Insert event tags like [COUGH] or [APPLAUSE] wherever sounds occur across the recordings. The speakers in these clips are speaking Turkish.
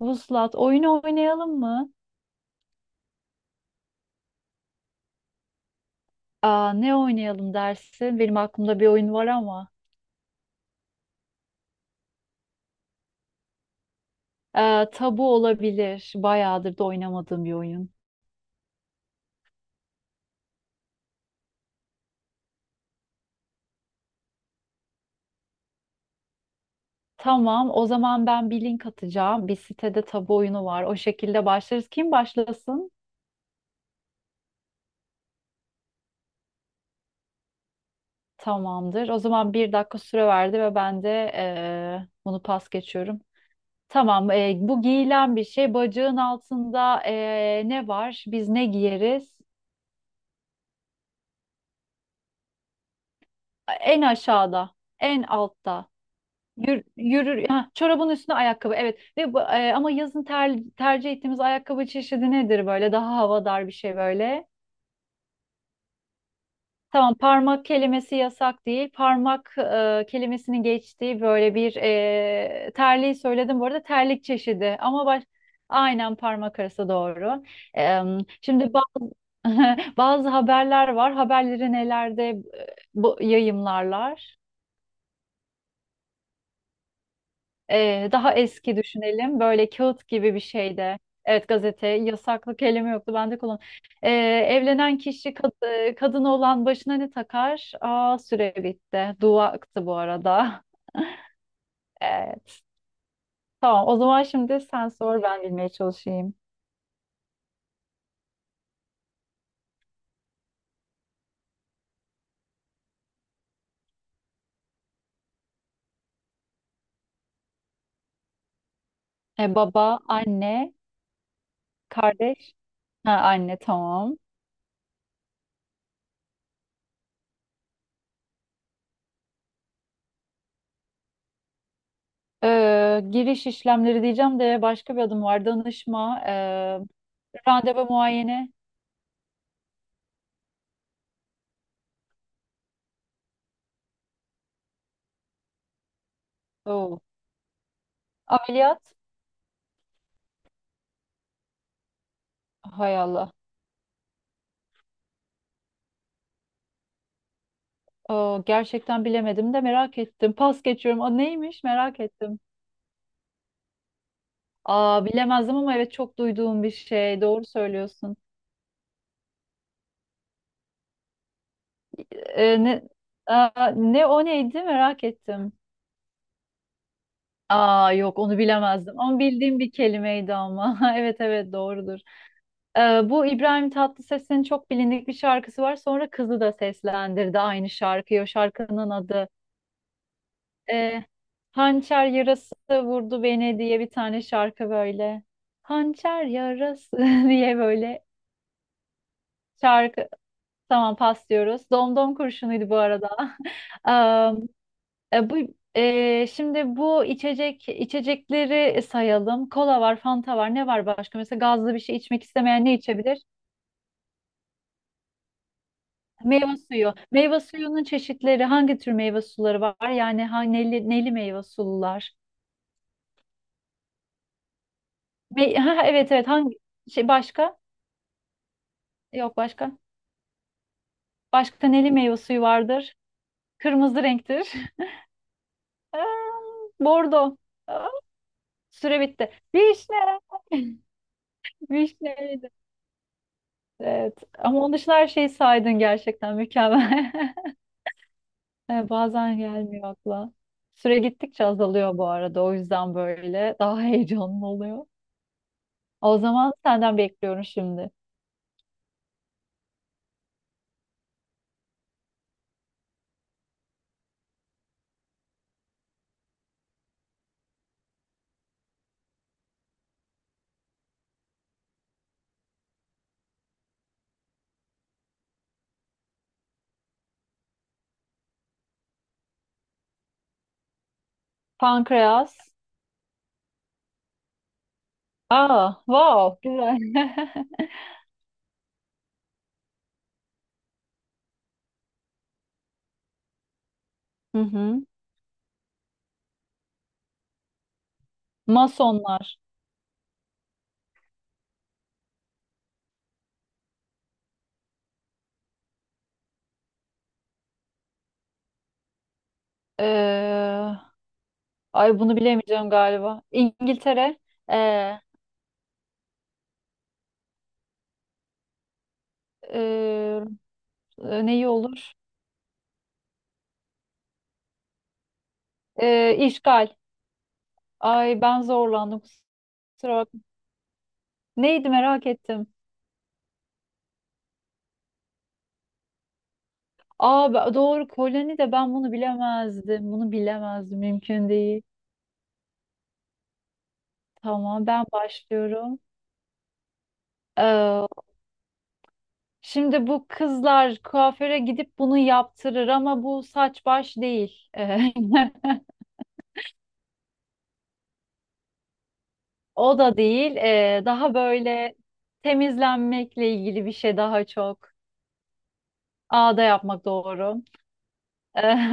Vuslat, oyunu oynayalım mı? Aa, ne oynayalım dersin? Benim aklımda bir oyun var ama. Tabu olabilir. Bayağıdır da oynamadığım bir oyun. Tamam, o zaman ben bir link atacağım. Bir sitede tabu oyunu var. O şekilde başlarız. Kim başlasın? Tamamdır. O zaman bir dakika süre verdi ve ben de bunu pas geçiyorum. Tamam, bu giyilen bir şey. Bacağın altında ne var? Biz ne giyeriz? En aşağıda, en altta. Yürür, ha, çorabın üstüne ayakkabı, evet. Ve bu, ama yazın tercih ettiğimiz ayakkabı çeşidi nedir böyle, daha havadar bir şey böyle. Tamam, parmak kelimesi yasak değil, parmak kelimesinin geçtiği böyle bir terliği söyledim bu arada, terlik çeşidi ama baş, aynen parmak arası doğru. Şimdi bazı, [LAUGHS] bazı haberler var, haberleri nelerde bu, yayımlarlar. Daha eski düşünelim. Böyle kağıt gibi bir şeyde. Evet, gazete. Yasaklı kelime yoktu. Ben de kullan. Ee, Evlenen kişi, kadın olan başına ne takar? Aa, süre bitti. Dua aktı bu arada. [LAUGHS] Evet. Tamam. O zaman şimdi sen sor, ben bilmeye çalışayım. Baba, anne, kardeş. Ha, anne tamam. Giriş işlemleri diyeceğim de başka bir adım var. Danışma, randevu, muayene. Oo. Ameliyat. Hay Allah. Aa, gerçekten bilemedim de merak ettim. Pas geçiyorum. Aa, neymiş, merak ettim. Aa, bilemezdim ama evet, çok duyduğum bir şey. Doğru söylüyorsun. Ee, ne, aa, ne o neydi, merak ettim. Aa yok, onu bilemezdim ama bildiğim bir kelimeydi ama. [LAUGHS] Evet evet, doğrudur. Bu İbrahim Tatlıses'in çok bilindik bir şarkısı var. Sonra kızı da seslendirdi aynı şarkıyı. O şarkının adı. Ee, Hançer yarası vurdu beni diye bir tane şarkı böyle. Hançer yarası [LAUGHS] diye böyle şarkı. Tamam, pas diyoruz. Domdom kurşunuydu bu arada. [LAUGHS] Am, bu şimdi bu içecekleri sayalım. Kola var, Fanta var. Ne var başka? Mesela gazlı bir şey içmek istemeyen ne içebilir? Meyve suyu. Meyve suyunun çeşitleri, hangi tür meyve suları var? Yani ha, neli meyve sulular. [LAUGHS] Ha, evet evet, hangi şey başka? Yok başka. Başka neli meyve suyu vardır? Kırmızı renktir. [LAUGHS] Aa, bordo. Aa, süre bitti. Vişne. [LAUGHS] Vişneydi. Evet. Ama onun dışında her şeyi saydın, gerçekten mükemmel. [LAUGHS] Bazen gelmiyor akla. Süre gittikçe azalıyor bu arada. O yüzden böyle daha [LAUGHS] heyecanlı oluyor. O zaman senden bekliyorum şimdi. Pankreas. Aa, wow, güzel. [LAUGHS] Hı hı. Masonlar. Ee, ay, bunu bilemeyeceğim galiba. İngiltere. Ee, e, neyi olur? İşgal. Ay, ben zorlandım. Kusura Neydi, merak ettim. Aa, doğru, koloni de ben bunu bilemezdim. Bunu bilemezdim, mümkün değil. Tamam, ben başlıyorum. Ee, Şimdi bu kızlar kuaföre gidip bunu yaptırır ama bu saç baş değil. [LAUGHS] O da değil. Daha böyle temizlenmekle ilgili bir şey daha çok. Ağda yapmak doğru. [LAUGHS]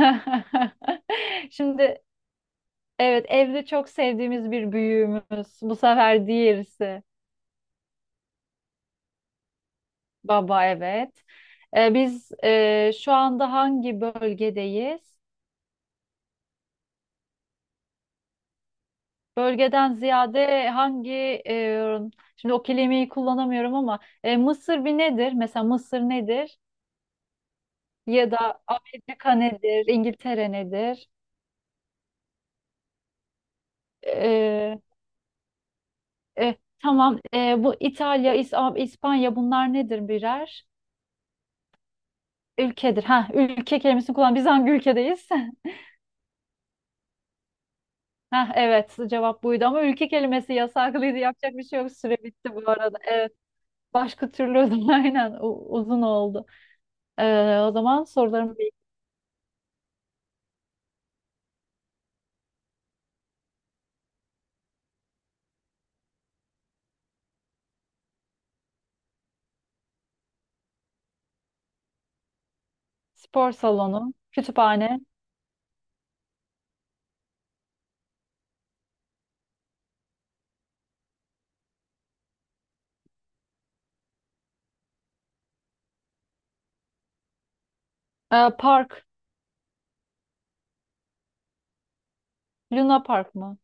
Şimdi, evet, evde çok sevdiğimiz bir büyüğümüz. Bu sefer diğerisi. Baba, evet. Biz şu anda hangi bölgedeyiz? Bölgeden ziyade hangi e, şimdi o kelimeyi kullanamıyorum ama Mısır bir nedir? Mesela Mısır nedir? Ya da Amerika nedir? İngiltere nedir? Ee, e, tamam. Bu İtalya, İspanya, bunlar nedir birer? Ülkedir. Ha, ülke kelimesini kullan. Biz hangi ülkedeyiz? [LAUGHS] Ha, evet, cevap buydu ama ülke kelimesi yasaklıydı. Yapacak bir şey yok. Süre bitti bu arada. Evet. Başka türlü o zaman [LAUGHS] aynen uzun oldu. O zaman sorularım bir. Spor salonu, kütüphane, park, Luna Park mı?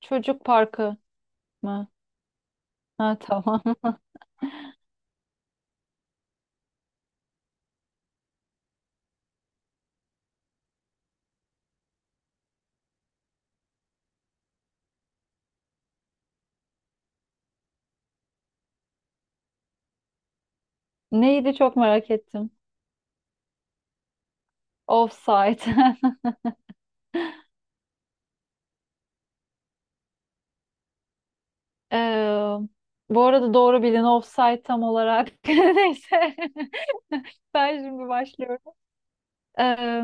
Çocuk parkı mı? Ha, tamam. [LAUGHS] Neydi, çok merak ettim. Offside. [LAUGHS] Ee, Bu arada, doğru bilin offside tam olarak. [LAUGHS] Neyse. [LAUGHS] Ben şimdi başlıyorum. Ee,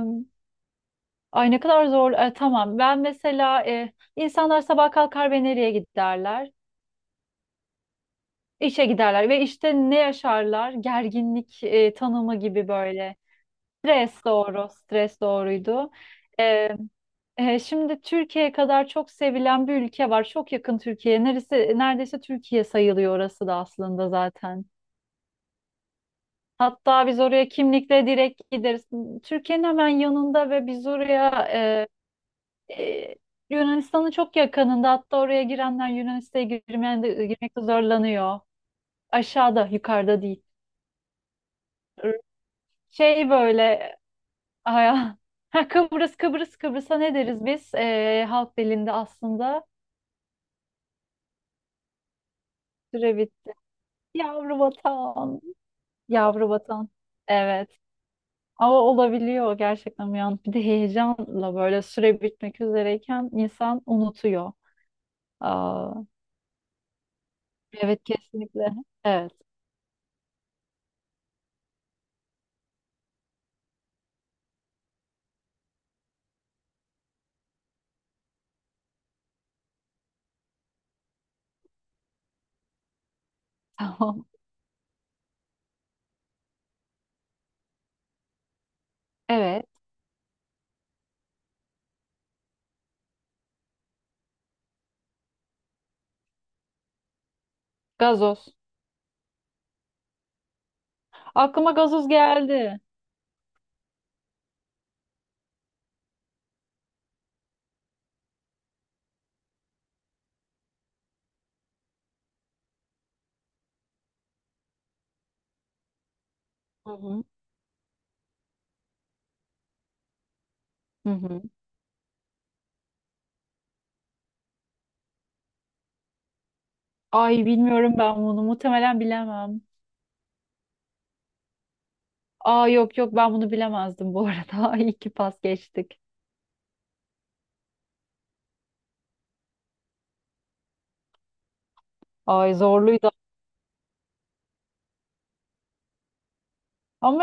Ay, ne kadar zor. Tamam. Ben mesela insanlar sabah kalkar ve nereye giderler? İşe giderler ve işte ne yaşarlar? Gerginlik tanımı gibi böyle. Stres doğru, stres doğruydu. E, şimdi Türkiye kadar çok sevilen bir ülke var. Çok yakın Türkiye. Neresi, neredeyse Türkiye sayılıyor orası da aslında zaten. Hatta biz oraya kimlikle direkt gideriz. Türkiye'nin hemen yanında ve biz oraya e, e, Yunanistan'ın çok yakınında. Hatta oraya girenler Yunanistan'a girmekte zorlanıyor. Aşağıda, yukarıda değil. Şey böyle, aya, [LAUGHS] ha, Kıbrıs'a ne deriz biz? Halk dilinde aslında Türevit, yavru vatan. Yavru vatan, evet, ama olabiliyor gerçekten, bir an, bir de heyecanla böyle süre bitmek üzereyken insan unutuyor. Aa, evet kesinlikle. Evet [LAUGHS] tamam, evet, gazoz. Aklıma gazoz geldi. Hı hı. Hı hı. Ay, bilmiyorum, ben bunu muhtemelen bilemem. Aa yok yok, ben bunu bilemezdim bu arada. [LAUGHS] İyi ki pas geçtik. Ay, zorluydu. Ama